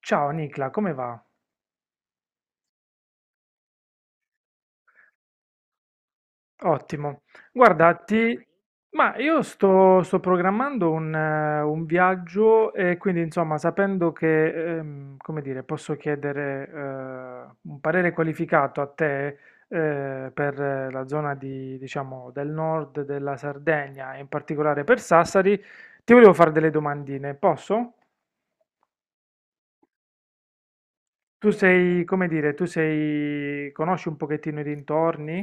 Ciao Nicla, come va? Ottimo. Guarda, ti... Ma io sto programmando un viaggio e quindi insomma sapendo che, come dire, posso chiedere un parere qualificato a te per la zona di, diciamo, del nord della Sardegna e in particolare per Sassari, ti volevo fare delle domandine, posso? Tu sei, conosci un pochettino i dintorni?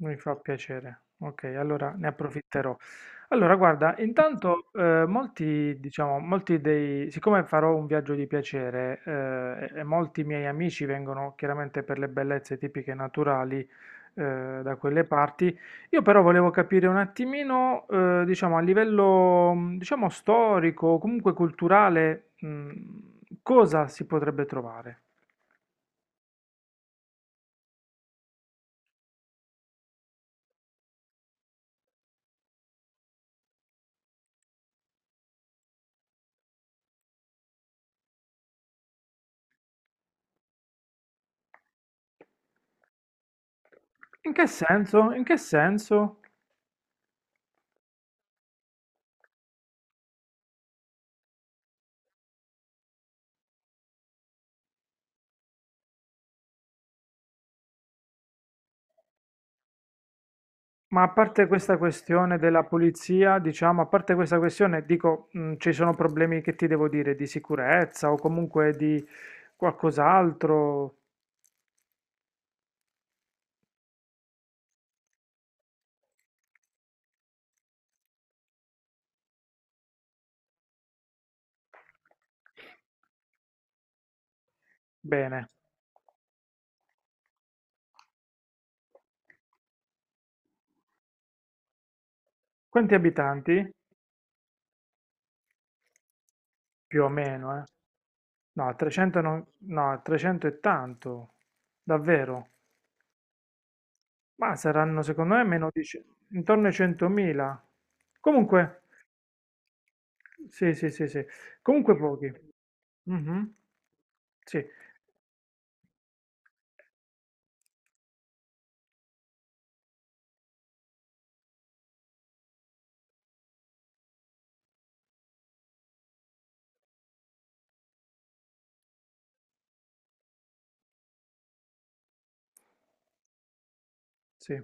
Mi fa piacere. Ok, allora ne approfitterò. Allora, guarda, intanto molti, diciamo, molti dei, siccome farò un viaggio di piacere e molti miei amici vengono chiaramente per le bellezze tipiche naturali da quelle parti. Io però volevo capire un attimino, diciamo, a livello, diciamo, storico, o comunque culturale, cosa si potrebbe trovare? In che senso? In che senso? Ma a parte questa questione della pulizia, diciamo, a parte questa questione, dico, ci sono problemi che ti devo dire di sicurezza o comunque di qualcos'altro. Bene. Quanti abitanti? Più o meno, eh. No, 300 non... no, 300 è tanto. Davvero? Ma saranno secondo me meno di... ce- intorno ai 100.000. Comunque, sì, sì, sì, sì. Comunque pochi. Mhm. Sì, sì.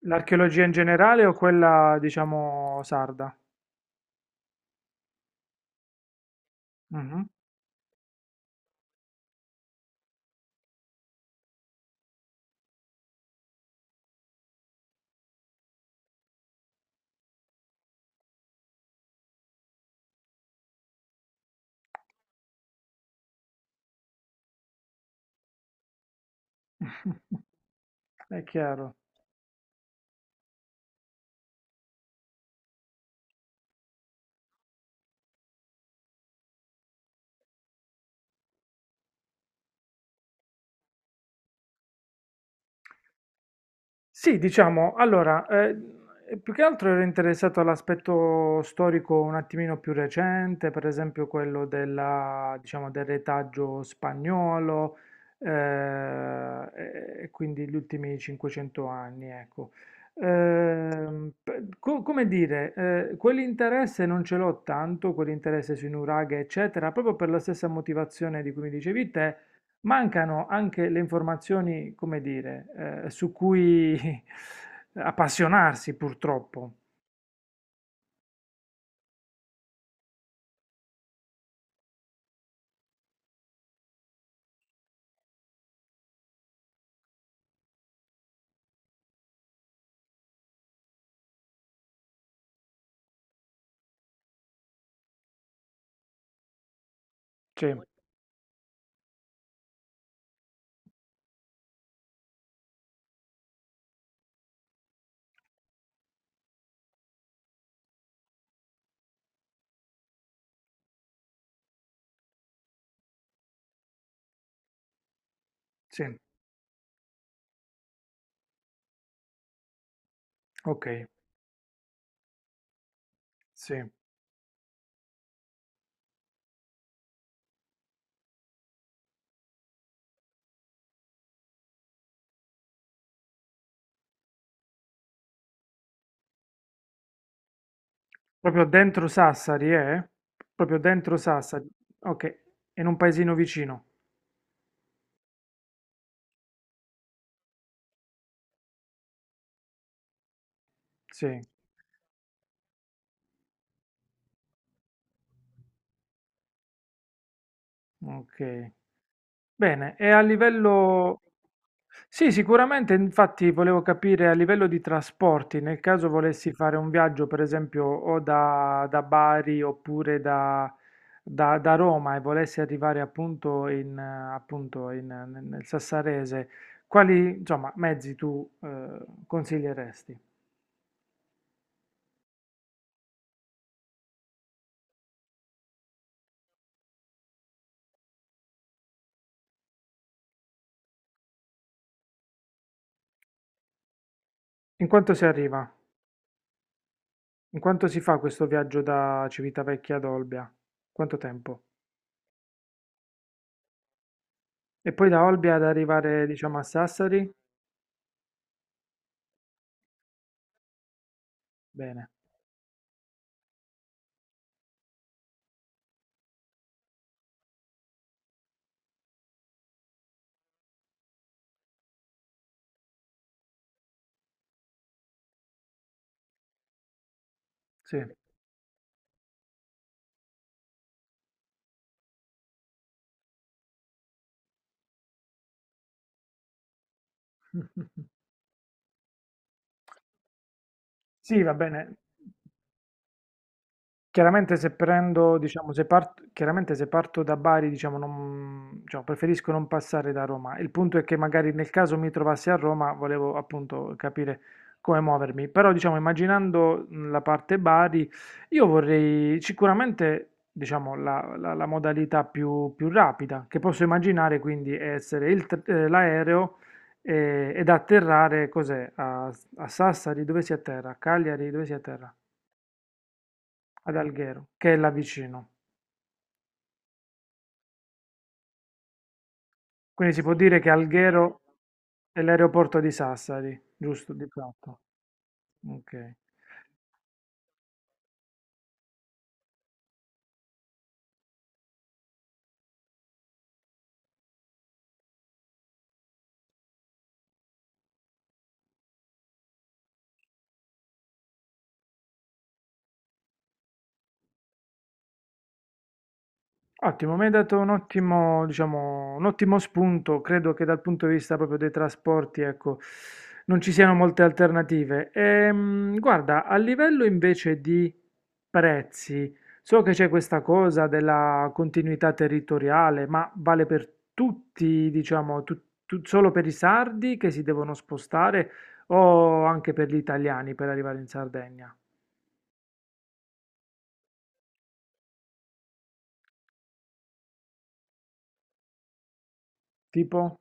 L'archeologia in generale o quella, diciamo, sarda? Mhm. È chiaro. Sì, diciamo, allora, più che altro ero interessato all'aspetto storico un attimino più recente, per esempio quello della, diciamo, del retaggio spagnolo, eh, e quindi gli ultimi 500 anni, ecco. Come dire, quell'interesse non ce l'ho tanto, quell'interesse sui nuraghe, eccetera, proprio per la stessa motivazione di cui mi dicevi te. Mancano anche le informazioni, come dire, su cui appassionarsi purtroppo. Sì, sì, ok, sì. Proprio dentro Sassari, eh? Proprio dentro Sassari. Ok, in un paesino vicino. Sì. Ok. Bene, e a livello... Sì, sicuramente, infatti volevo capire a livello di trasporti, nel caso volessi fare un viaggio, per esempio, o da, da Bari oppure da, da Roma e volessi arrivare appunto in, appunto in, nel Sassarese, quali, insomma, mezzi tu consiglieresti? In quanto si arriva? In quanto si fa questo viaggio da Civitavecchia ad Olbia? Quanto tempo? E poi da Olbia ad arrivare, diciamo, a Sassari? Bene, sì. Sì, va bene. Chiaramente se prendo, diciamo, se parto, chiaramente se parto da Bari, diciamo, non- diciamo, preferisco non passare da Roma. Il punto è che magari nel caso mi trovassi a Roma, volevo appunto capire come muovermi. Però, diciamo, immaginando la parte Bari, io vorrei sicuramente, diciamo, la modalità più rapida che posso immaginare, quindi, è essere il l'aereo ed atterrare, cos'è? A, a Sassari, dove si atterra? A Cagliari, dove si atterra? Ad Alghero, che è là vicino. Quindi si può dire che Alghero è l'aeroporto di Sassari, giusto? Di fatto. Ok. Ottimo, mi hai dato un ottimo, diciamo, un ottimo spunto. Credo che dal punto di vista proprio dei trasporti, ecco, non ci siano molte alternative. Guarda, a livello invece di prezzi, so che c'è questa cosa della continuità territoriale, ma vale per tutti, diciamo, solo per i sardi che si devono spostare o anche per gli italiani per arrivare in Sardegna? Tipo?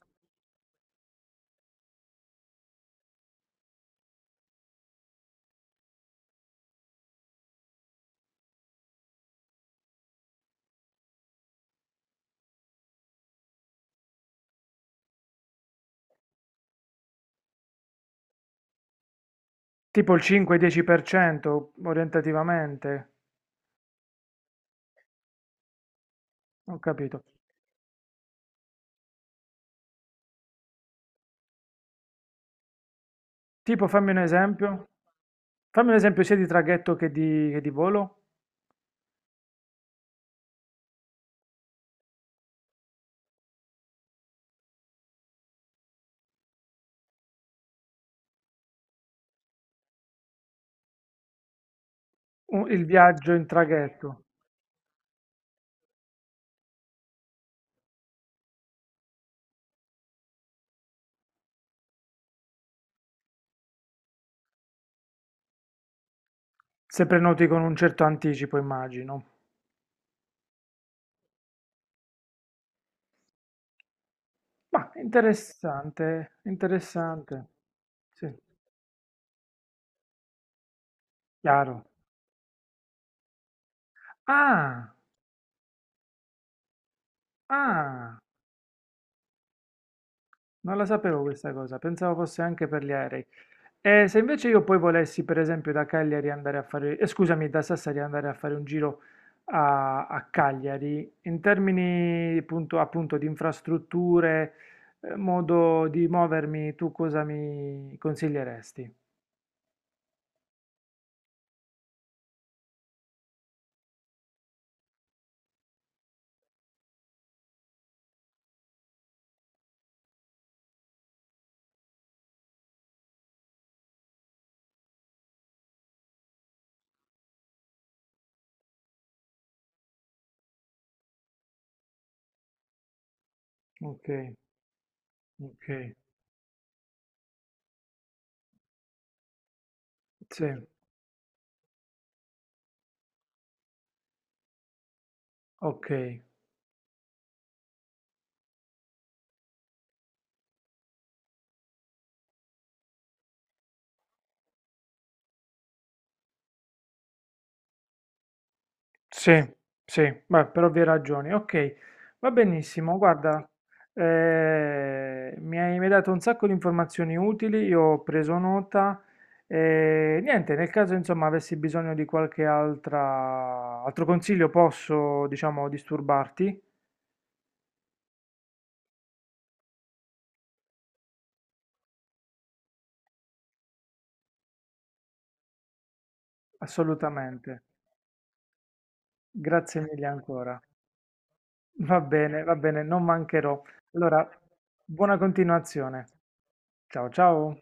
Tipo il 5-10% orientativamente. Ho capito. Tipo, fammi un esempio. Fammi un esempio sia di traghetto che di volo. Il viaggio in traghetto, se prenoti con un certo anticipo, immagino. Ma interessante, interessante. Sì, chiaro. Ah, ah, non la sapevo questa cosa, pensavo fosse anche per gli aerei. E se invece io poi volessi, per esempio, da Cagliari andare a fare, scusami, da Sassari andare a fare un giro a, a Cagliari, in termini appunto, appunto di infrastrutture, modo di movermi, tu cosa mi consiglieresti? Ok, ok, sì, ok. Sì, sì, beh, per ovvie ragioni. Ok, va benissimo. Guarda, mi hai dato un sacco di informazioni utili, io ho preso nota. E niente, nel caso insomma avessi bisogno di altro consiglio, posso, diciamo, disturbarti? Assolutamente. Grazie mille ancora. Va bene, non mancherò. Allora, buona continuazione. Ciao, ciao.